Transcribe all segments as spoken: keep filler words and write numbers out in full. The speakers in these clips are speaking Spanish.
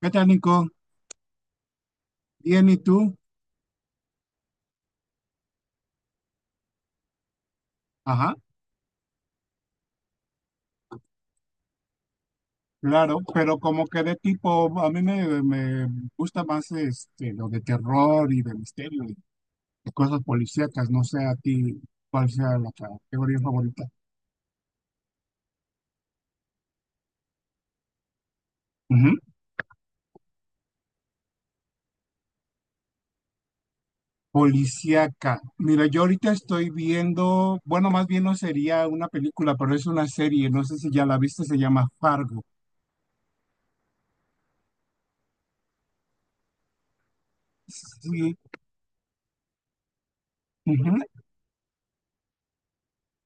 ¿Qué tal, Nico? Bien, ¿y tú? Ajá, claro, pero como que de tipo, a mí me, me gusta más este, lo de terror y de misterio y de cosas policíacas, no sé a ti cuál sea la categoría favorita. Ujú. Policíaca. Mira, yo ahorita estoy viendo, bueno, más bien no sería una película, pero es una serie, no sé si ya la viste, se llama Fargo. Sí, ujú.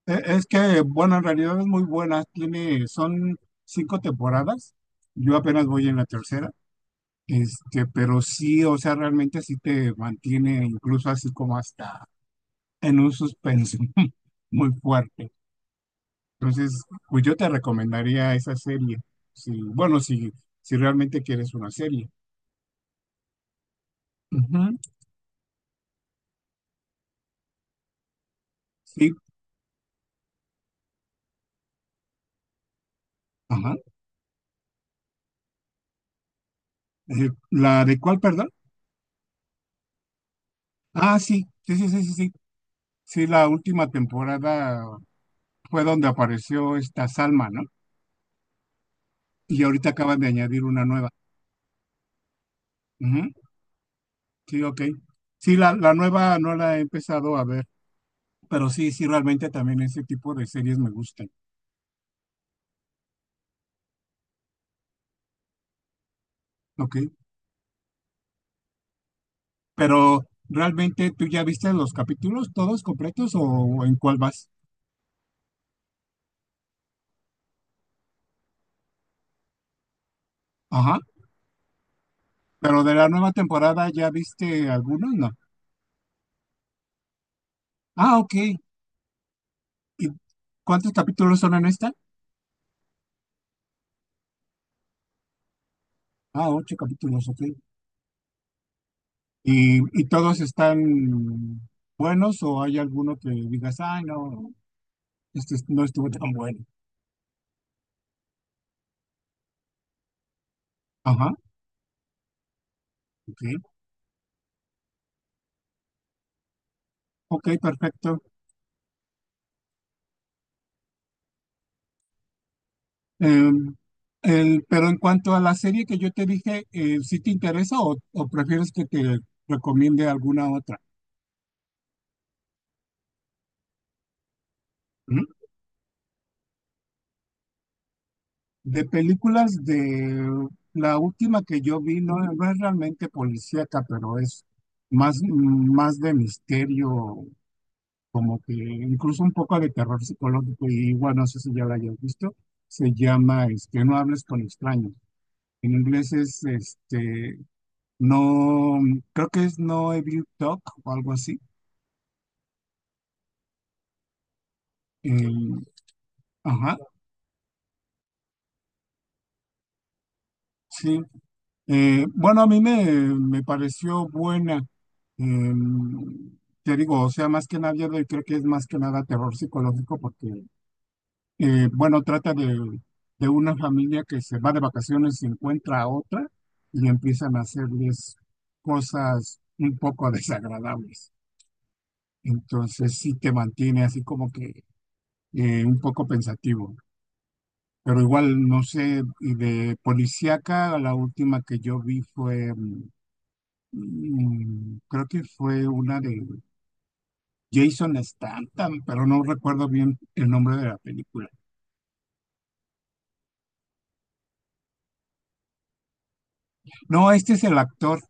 E- Es que, bueno, en realidad es muy buena. Tiene, son cinco temporadas. Yo apenas voy en la tercera. Este, pero sí, o sea, realmente sí te mantiene incluso así como hasta en un suspenso muy fuerte. Entonces, pues yo te recomendaría esa serie. Sí, bueno, si, si realmente quieres una serie. Ujú, sí, ajá. Eh, ¿la de cuál, perdón? Ah, sí, sí, sí, sí, sí, sí. Sí, la última temporada fue donde apareció esta Salma, ¿no? Y ahorita acaban de añadir una nueva. Ujú, sí, ok. Sí, la, la nueva no la he empezado a ver, pero sí, sí, realmente también ese tipo de series me gustan. Ok. ¿Pero realmente tú ya viste los capítulos todos completos o en cuál vas? Ajá. ¿Pero de la nueva temporada ya viste algunos, no? Ah, ok. ¿Y cuántos capítulos son en esta? Ah, ocho capítulos, ok. ¿Y, y todos están buenos o hay alguno que digas, ay, no, este no estuvo tan bueno? Ajá. Sí, ok, perfecto. Em, el- pero en cuanto a la serie que yo te dije, eh, ¿sí te interesa o, o prefieres que te recomiende alguna otra? ¿Mm? De películas, de la última que yo vi, no, no es realmente policíaca, pero es más, más de misterio, como que incluso un poco de terror psicológico, y igual no sé si ya la hayas visto, se llama este, No hables con extraños. En inglés es este, No, creo que es No Evil Talk o algo así. Eh, ajá, sí. Eh, bueno, a mí me, me pareció buena. Eh, Te digo, o sea, más que nada, yo creo que es más que nada terror psicológico porque, eh, bueno, trata de, de una familia que se va de vacaciones y encuentra a otra y empiezan a hacerles cosas un poco desagradables. Entonces, sí te mantiene así como que eh, un poco pensativo. Pero igual, no sé, y de policíaca, la última que yo vi fue, mm, mm, creo que fue una de Jason Statham, pero no recuerdo bien el nombre de la película. No, este es el actor,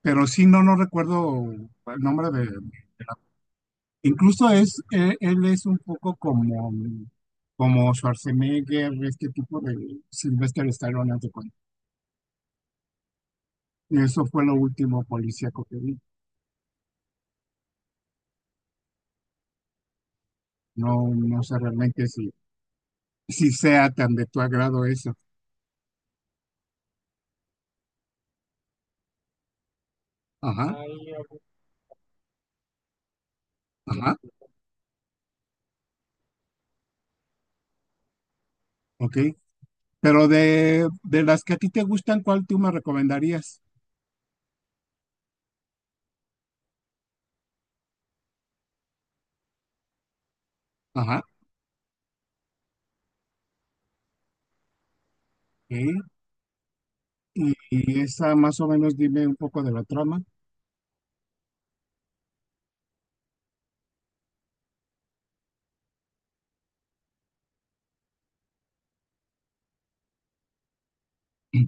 pero sí, no, no recuerdo el nombre de, de la- Incluso es, eh, él es un poco como, mm, como Schwarzenegger, este tipo de Sylvester Stallone, haz de cuenta. Eso fue lo último policíaco que vi. No, no sé realmente si si sea tan de tu agrado eso. Ajá, ay, ajá, ok. Pero de, de las que a ti te gustan, ¿cuál tú me recomendarías? Ajá, ok. Y, y esa más o menos dime un poco de la trama.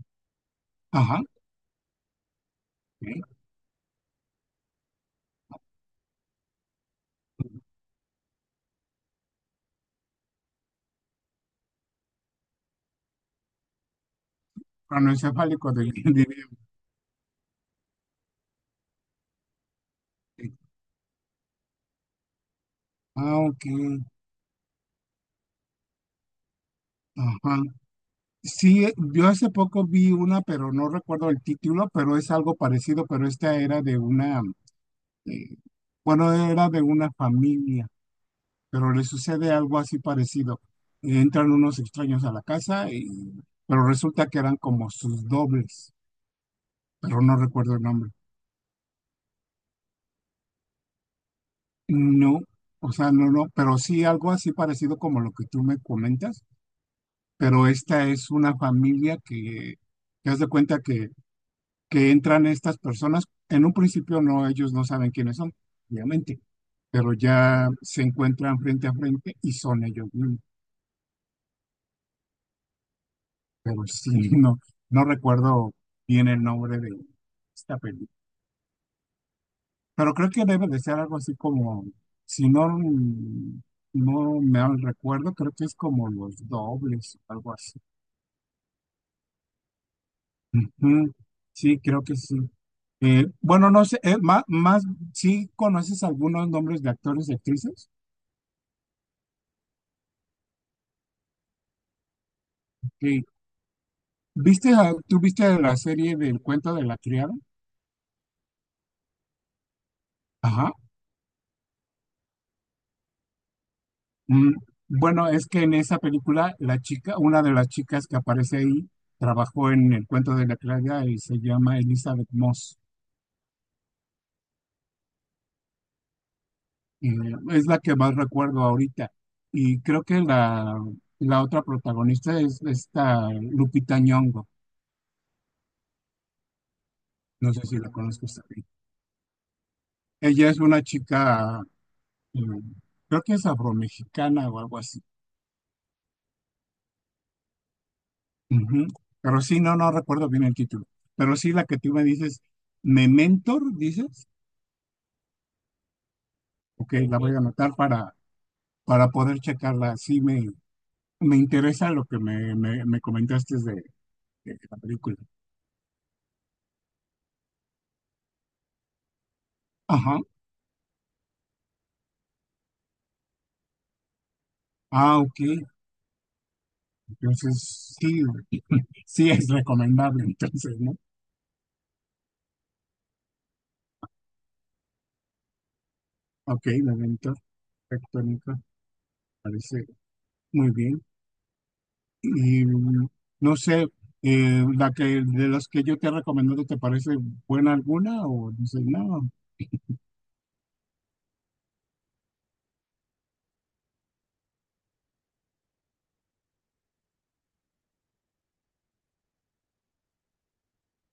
Ajá, ok. Cronoencefálico del del- Ah, ok. Ajá. Sí, eh, yo hace poco vi una, pero no recuerdo el título, pero es algo parecido, pero esta era de una, eh, bueno, era de una familia. Pero le sucede algo así parecido. Entran unos extraños a la casa, y, pero resulta que eran como sus dobles, pero no recuerdo el nombre. No, o sea, no, no, pero sí algo así parecido como lo que tú me comentas, pero esta es una familia que, que haz de cuenta que, que entran estas personas, en un principio no, ellos no saben quiénes son, obviamente, pero ya se encuentran frente a frente y son ellos mismos. Pero sí, no, no recuerdo bien el nombre de esta película. Pero creo que debe de ser algo así como, si no, mm, no me mal recuerdo, creo que es como los dobles, algo así. Ujú, sí, creo que sí. Eh, bueno, no sé, eh, ma- más, ¿sí conoces algunos nombres de actores y actrices? Ok. ¿Viste, a- tú viste la serie del cuento de la criada? Ajá. Mm, Bueno, es que en esa película, la chica, una de las chicas que aparece ahí, trabajó en El Cuento de la Criada y se llama Elizabeth Moss. Eh, es la que más recuerdo ahorita. Y creo que la, la otra protagonista es esta Lupita Nyong'o. No sé si la conozcas también. Ella es una chica, eh, creo que es afromexicana o algo así. Ujú. Pero sí, no, no recuerdo bien el título. Pero sí, la que tú me dices, Mentor, dices. Ok, la voy a anotar para, para poder checarla. Sí, me, me interesa lo que me, me, me comentaste de, de la película. Ajá. Ah, ok. Entonces, sí, sí es recomendable, entonces, ¿no? Ok, momento tectónica, parece muy bien. Y mm, no sé, eh, la que de las que yo te he recomendado, ¿te parece buena alguna o dices, no?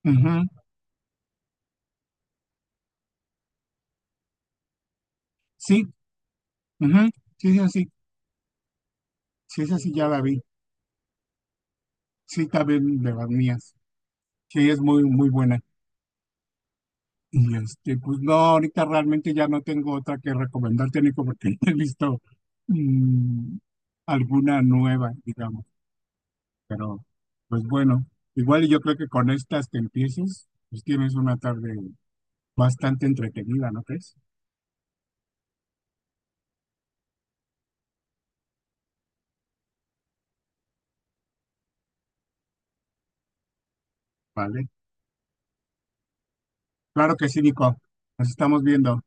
Ujú, sí, ujú, sí es así, sí es así, ya la vi. Sí, también de las mías. Sí, es muy, muy buena. Y este, pues no, ahorita realmente ya no tengo otra que recomendarte, Nico, porque no he visto mm, alguna nueva, digamos. Pero, pues bueno, igual y yo creo que con estas que empieces, pues tienes una tarde bastante entretenida, ¿no crees? Vale. Claro que sí, Nico. Nos estamos viendo.